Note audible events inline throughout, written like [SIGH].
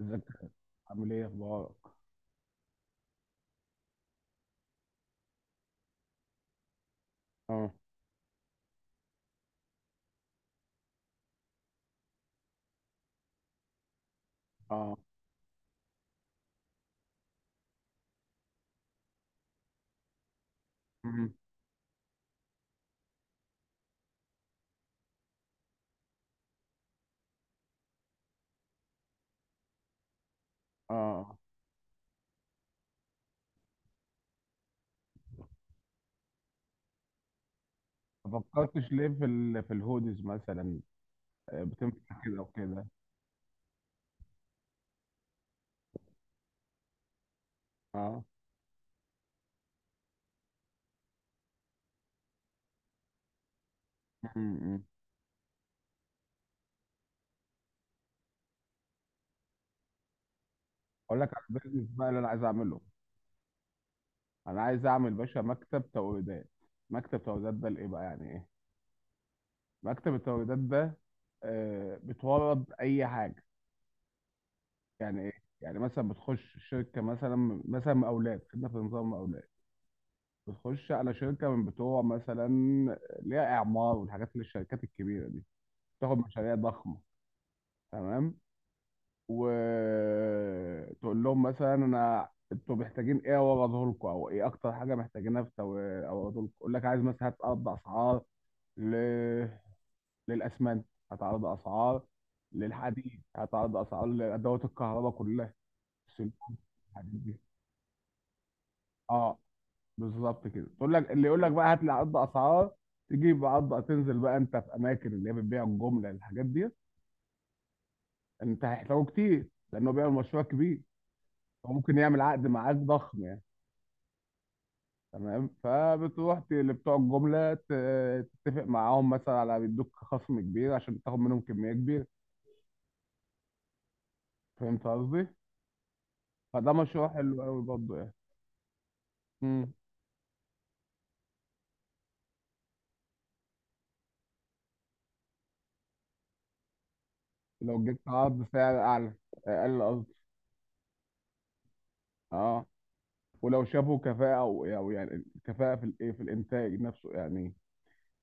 ازيك؟ عامل ايه، اخبارك؟ اه، اه. مم. اه. ما فكرتش ليه في الهودز مثلا؟ آه، بتنفع كده وكده. اه، مم، مم. اقول لك على البيزنس بقى اللي انا عايز اعمله. انا عايز اعمل باشا مكتب توريدات. مكتب توريدات ده لايه بقى؟ يعني ايه؟ مكتب التوريدات ده آه، بتورد اي حاجه يعني؟ ايه؟ يعني مثلا بتخش شركه مثلا مقاولات، خدنا في نظام مقاولات. بتخش على شركه من بتوع مثلا، ليها اعمار والحاجات، اللي الشركات الكبيره دي تاخد مشاريع ضخمه. تمام. وتقول لهم مثلا انا، انتوا محتاجين ايه اوضه لكم؟ او ايه اكتر حاجه محتاجينها في اوضه لكم؟ يقول لك عايز مثلا. هتعرض اسعار ل... للاسمنت، هتعرض اسعار للحديد، هتعرض اسعار لادوات الكهرباء كلها، السلوك، الحديد دي. اه، بالظبط كده. تقول لك، اللي يقول لك بقى هات لي عقد اسعار. تجيب عقد. تنزل بقى انت في اماكن اللي هي بتبيع الجمله الحاجات دي. انت هيحتاجه كتير لانه بيعمل مشروع كبير. هو ممكن يعمل عقد معاك ضخم يعني. تمام. فبتروح لبتوع الجمله، تتفق معاهم مثلا على بيدوك خصم كبير عشان تاخد منهم كميه كبيره. فهمت قصدي؟ فده مشروع حلو قوي برضه يعني. مم. لو جبت عرض سعر اعلى، اقل قصدي. اه. ولو شافوا كفاءه او يعني كفاءه في الايه، في الانتاج نفسه يعني.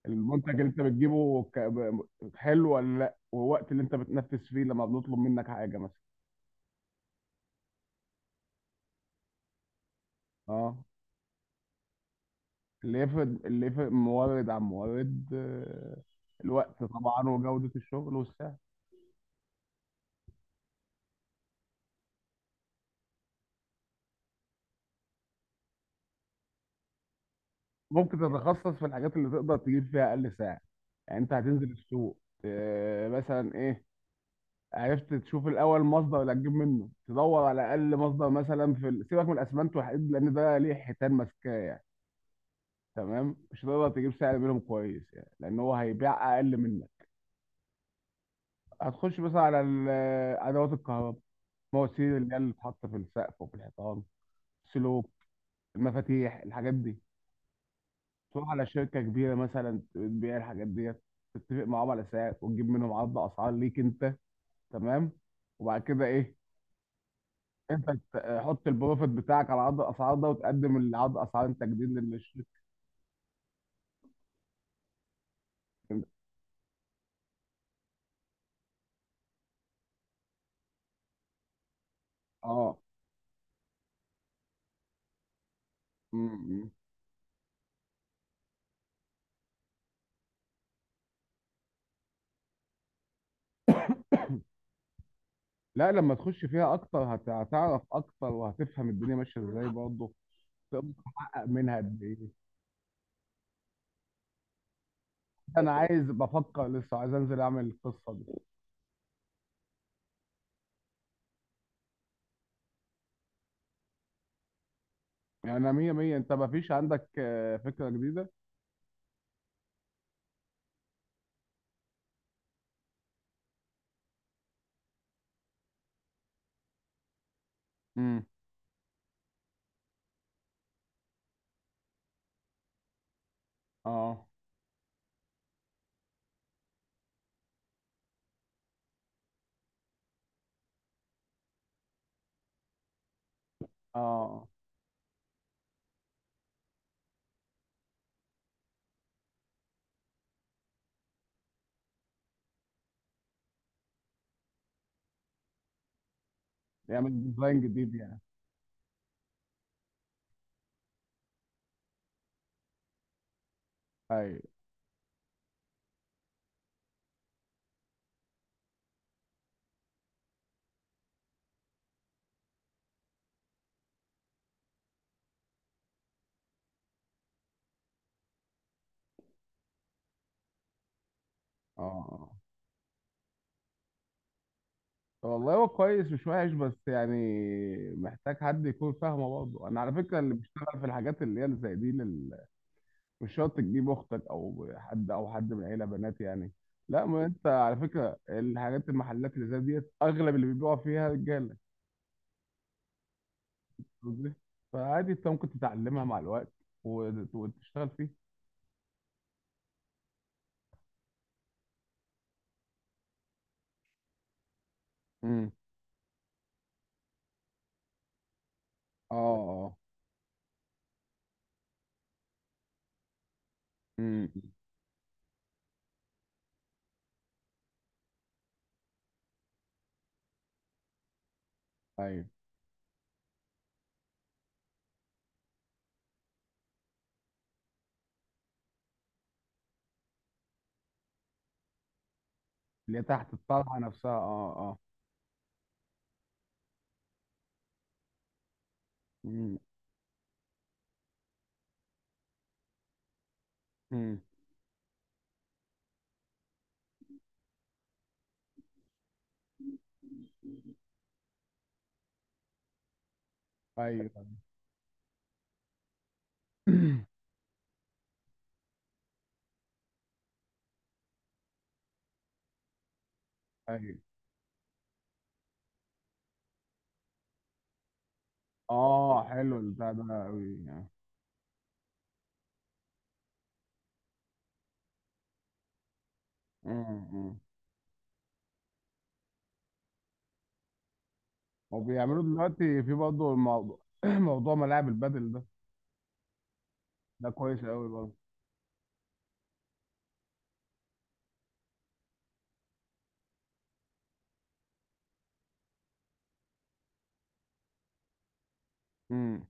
المنتج اللي انت بتجيبه. حلو ولا لا؟ والوقت اللي انت بتنفذ فيه لما بنطلب منك حاجه مثلا. اه. اللي يفرق مورد عن مورد آه، الوقت طبعا وجوده الشغل والسعر. ممكن تتخصص في الحاجات اللي تقدر تجيب فيها اقل سعر. يعني انت هتنزل السوق آه، مثلا ايه. عرفت تشوف الاول مصدر اللي هتجيب منه، تدور على اقل مصدر مثلا في سيبك من الاسمنت والحديد، لان ده ليه حيتان ماسكاه. تمام. مش هتقدر تجيب سعر منهم كويس يعني، لان هو هيبيع اقل منه. هتخش مثلا على ادوات الكهرباء. المواسير اللي هي اللي بتتحط في السقف وفي الحيطان، السلوك، المفاتيح، الحاجات دي. تروح على شركه كبيره مثلا بتبيع الحاجات ديت، تتفق معاهم على سعر وتجيب منهم عرض اسعار ليك انت. تمام. وبعد كده ايه؟ انت تحط البروفيت بتاعك على عرض الاسعار ده، وتقدم العرض اسعار انت جديد للشركه. اه م- م. لا، لما تخش فيها اكتر هتعرف اكتر وهتفهم الدنيا ماشيه ازاي برضه. تقدر تحقق منها قد ايه؟ انا عايز، بفكر لسه، عايز انزل اعمل القصه دي. يعني انا مية مية. انت ما فيش عندك آه، فكره جديده؟ امم. اه، اه. يعمل ديزاين جديد يعني. اي، اه. طب والله هو كويس، مش وحش بس يعني محتاج حد يكون فاهمه برضه. انا على فكره اللي بيشتغل في الحاجات اللي هي اللي زي دي. مش شرط تجيب اختك او حد او حد من العيله بنات يعني. لا، ما انت على فكره، الحاجات، المحلات اللي زي ديت اغلب اللي بيبيعوا فيها رجاله. قصدي؟ فعادي انت ممكن تتعلمها مع الوقت وتشتغل فيه. امم. اه، اه. امم. ايوه، اللي هي تحت الطلحه نفسها. اه، اه. امم. امم. ايوه. [CLEARS THROAT] ايوه. اه، حلو البتاع ده قوي يعني. امم. امم. وبيعملوا دلوقتي في برضه الموضوع، [CLEARS THROAT] موضوع ملاعب البادل ده. ده كويس قوي برضه. امم.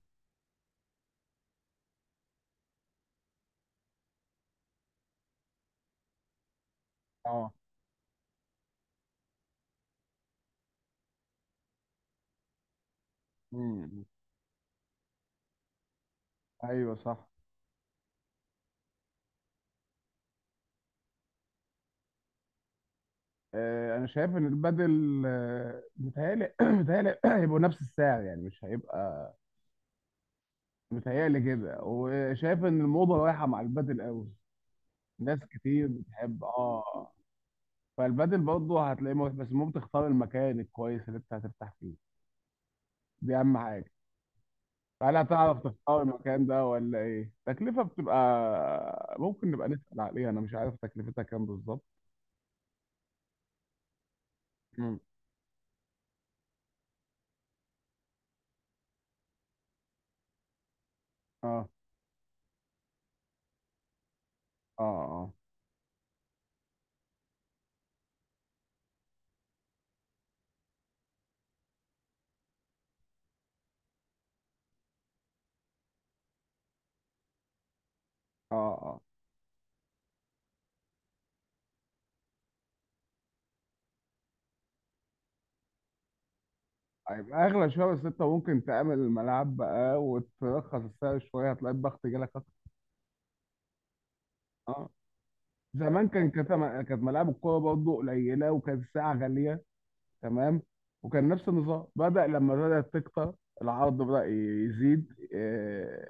اه. امم. ايوه، صح. آه، انا شايف ان البادل آه، متهيألي [CLEARS THROAT] متهيألي [CLEARS THROAT] هيبقوا نفس السعر، يعني مش هيبقى. متهيألي كده. وشايف ان الموضه رايحه مع البادل قوي. ناس كتير بتحب. اه. فالبادل برضه هتلاقيه مريح، بس ممكن تختار المكان الكويس اللي انت هترتاح فيه. دي اهم حاجه. هل هتعرف تختار المكان ده ولا ايه؟ تكلفه بتبقى ممكن نبقى نسأل عليها. انا مش عارف تكلفتها كام بالظبط. مم. اه، اه، اه، اه، اه. هيبقى اغلى شويه، بس انت ممكن تعمل الملعب بقى وترخص السعر شويه، هتلاقي الضغط جالك اكتر. اه. زمان كانت ملاعب الكوره برضه قليله، وكانت الساعه غاليه. تمام. وكان نفس النظام بدأ لما بدأت تكتر، العرض بدأ يزيد آه،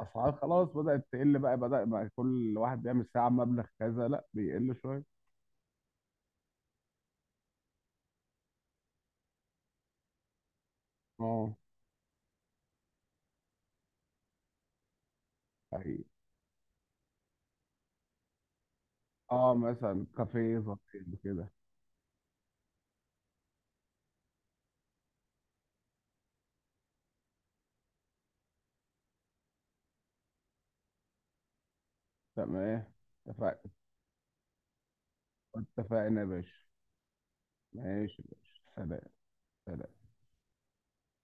الأسعار خلاص بدأت تقل بقى، بدأ بقى كل واحد بيعمل ساعة مبلغ كذا، لا بيقل شوية. اه، حقيقي. اه، مثلا كافيه صغير كده. تمام. اتفقنا. اتفقنا يا باشا. ماشي يا باشا. سلام. سلام.